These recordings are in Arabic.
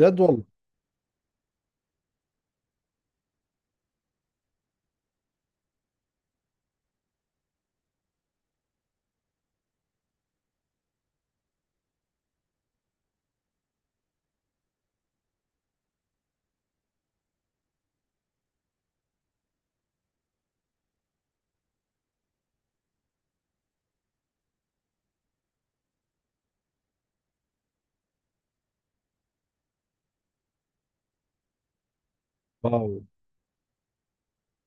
جد والله. واو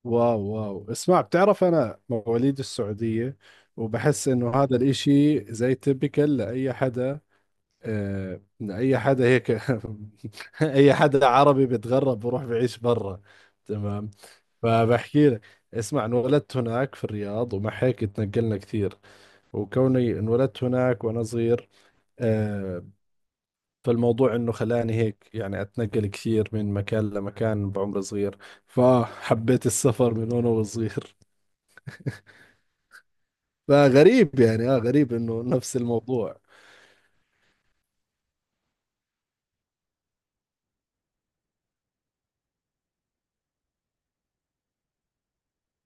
واو واو، اسمع، بتعرف أنا مواليد السعودية، وبحس إنه هذا الإشي زي تبكل لأي حدا. لأي حدا هيك. أي حدا عربي بيتغرب بروح بعيش برا. تمام. فبحكي لك، اسمع، انولدت هناك في الرياض، ومع هيك تنقلنا كثير. وكوني انولدت هناك وأنا صغير، آه، فالموضوع انه خلاني هيك يعني اتنقل كثير من مكان لمكان بعمر صغير، فحبيت السفر من وانا وصغير. فغريب يعني، غريب انه نفس الموضوع.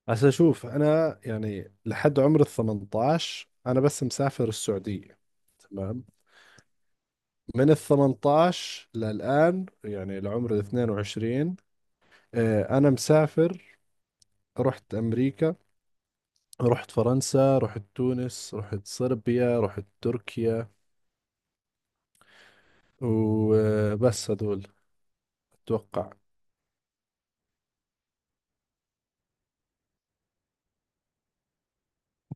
بس اشوف انا يعني لحد عمر ال 18 انا بس مسافر السعودية. تمام. من ال 18 للان يعني لعمر ال 22، انا مسافر. رحت امريكا، رحت فرنسا، رحت تونس، رحت صربيا، رحت تركيا. وبس هذول أتوقع.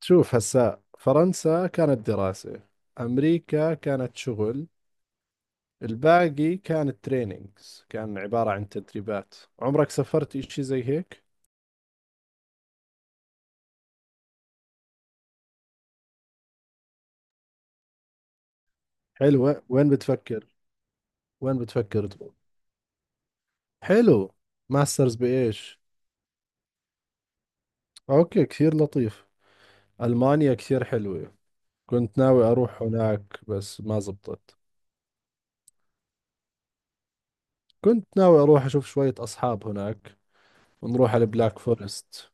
تشوف هسا فرنسا كانت دراسة، أمريكا كانت شغل، الباقي كانت تريننجز، كان عبارة عن تدريبات. عمرك سافرت إشي زي هيك؟ حلو، وين بتفكر؟ وين بتفكر تروح؟ حلو. ماسترز بإيش؟ أوكي، كثير لطيف. ألمانيا كثير حلوة. كنت ناوي أروح هناك بس ما زبطت. كنت ناوي أروح أشوف شوية أصحاب هناك ونروح على البلاك فورست.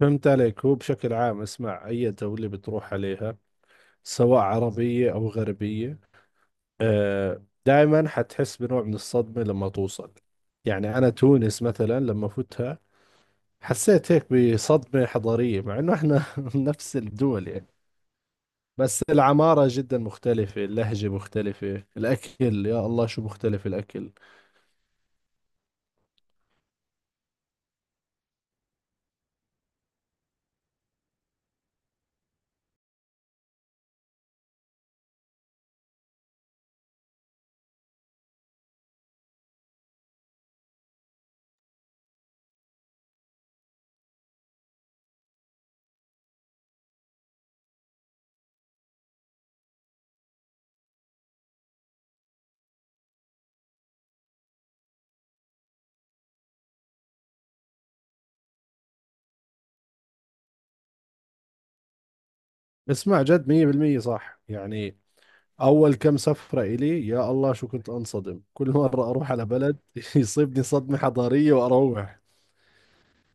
فهمت عليك. هو بشكل عام اسمع، أي دولة بتروح عليها، سواء عربية أو غربية، آه دائما حتحس بنوع من الصدمة لما توصل. يعني أنا تونس مثلا لما فتها، حسيت هيك بصدمة حضارية، مع إنه إحنا نفس الدول يعني. بس العمارة جدا مختلفة، اللهجة مختلفة، الأكل يا الله شو مختلف الأكل. اسمع، جد مية بالمية صح يعني. أول كم سفرة إلي، يا الله شو كنت أنصدم، كل مرة أروح على بلد يصيبني صدمة حضارية وأروح.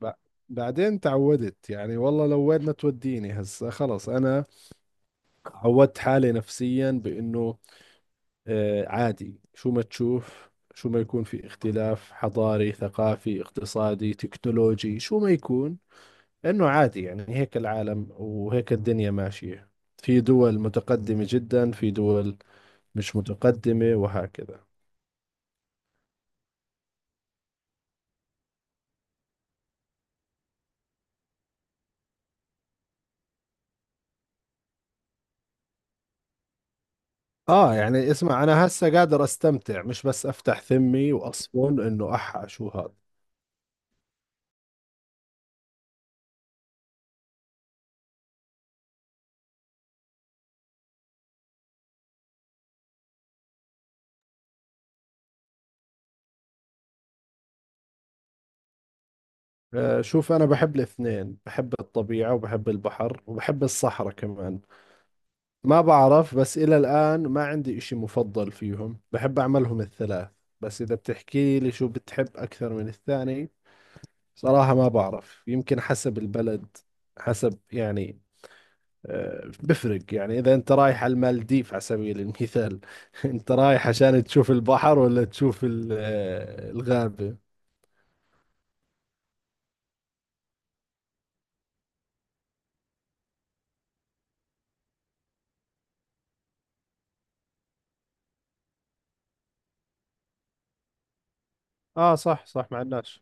ب- بعدين تعودت يعني، والله لو وين ما توديني هسا خلص أنا. عودت حالي نفسيا بأنه آه عادي، شو ما تشوف، شو ما يكون في اختلاف حضاري ثقافي اقتصادي تكنولوجي، شو ما يكون، إنه عادي يعني. هيك العالم وهيك الدنيا ماشية، في دول متقدمة جدا، في دول مش متقدمة، وهكذا. اه يعني اسمع، انا هسه قادر استمتع، مش بس افتح ثمي واصفن انه احا شو هذا. آه شوف، انا بحب الاثنين، بحب الطبيعة وبحب البحر وبحب الصحراء كمان. ما بعرف، بس الى الان ما عندي اشي مفضل فيهم، بحب اعملهم الثلاث. بس اذا بتحكي لي شو بتحب اكثر من الثاني، صراحة ما بعرف، يمكن حسب البلد، حسب يعني، بفرق يعني. إذا أنت رايح على المالديف على سبيل المثال، أنت رايح عشان تشوف البحر ولا تشوف الغابة. آه صح صح، مع الناس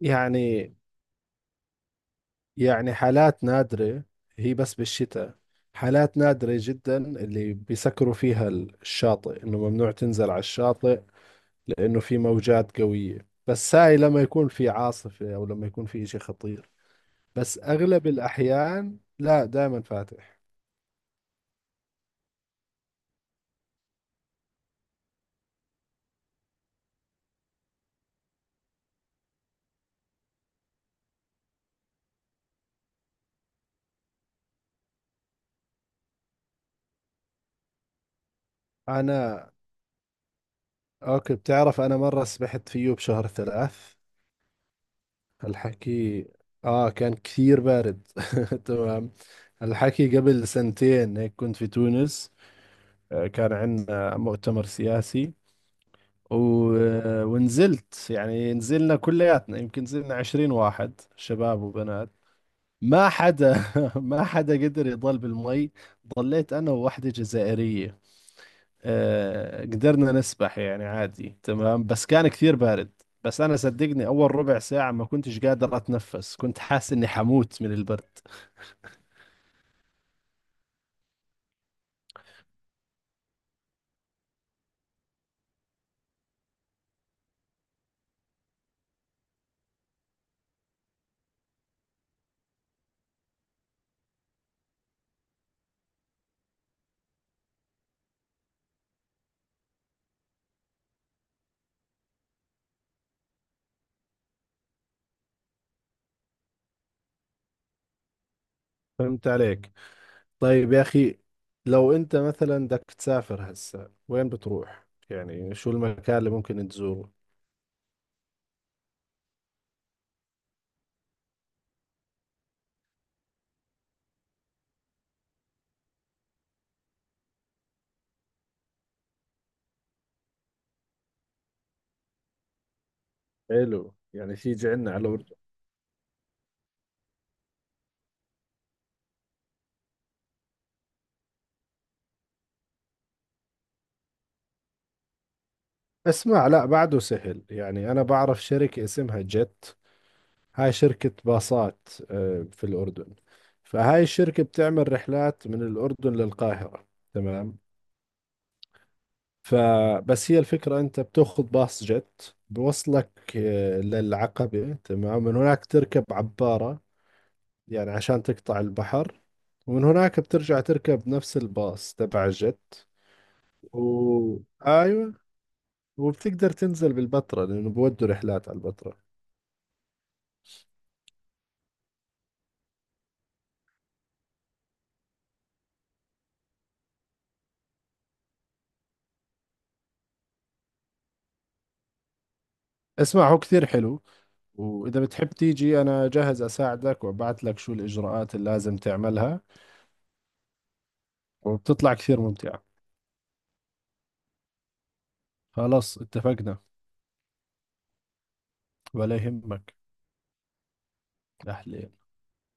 يعني. يعني حالات نادرة، هي بس بالشتاء، حالات نادرة جدا اللي بيسكروا فيها الشاطئ إنه ممنوع تنزل على الشاطئ، لأنه في موجات قوية، بس هاي لما يكون في عاصفة أو لما يكون في إشي خطير. بس أغلب الأحيان لا، دائما فاتح. أنا اوكي. بتعرف انا مرة سبحت فيه بشهر ثلاث. الحكي اه، كان كثير بارد. تمام. الحكي قبل سنتين هيك، كنت في تونس، كان عندنا مؤتمر سياسي، و... آه، ونزلت يعني نزلنا كلياتنا، يمكن نزلنا عشرين واحد شباب وبنات. ما حدا، ما حدا قدر يضل بالمي. ضليت انا وواحدة جزائرية، قدرنا نسبح يعني عادي تمام، بس كان كثير بارد. بس أنا صدقني أول ربع ساعة ما كنتش قادر أتنفس، كنت حاسس إني حموت من البرد. فهمت عليك. طيب يا أخي، لو أنت مثلا بدك تسافر هسا وين بتروح؟ يعني شو المكان اللي ممكن تزوره؟ حلو، يعني تيجي عنا على الأردن. اسمع، لا بعده سهل، يعني أنا بعرف شركة اسمها جيت. هاي شركة باصات في الأردن. فهاي الشركة بتعمل رحلات من الأردن للقاهرة. تمام. فبس هي الفكرة، أنت بتأخذ باص جت، بوصلك للعقبة. تمام. من هناك تركب عبارة، يعني عشان تقطع البحر، ومن هناك بترجع تركب نفس الباص تبع الجت، و... أيوة، وبتقدر تنزل بالبتراء لأنه بودوا رحلات على البتراء. اسمع هو كثير حلو، وإذا بتحب تيجي أنا جاهز أساعدك وأبعت لك شو الإجراءات اللي لازم تعملها، وبتطلع كثير ممتعة. خلاص اتفقنا. ولا يهمك. أحلى.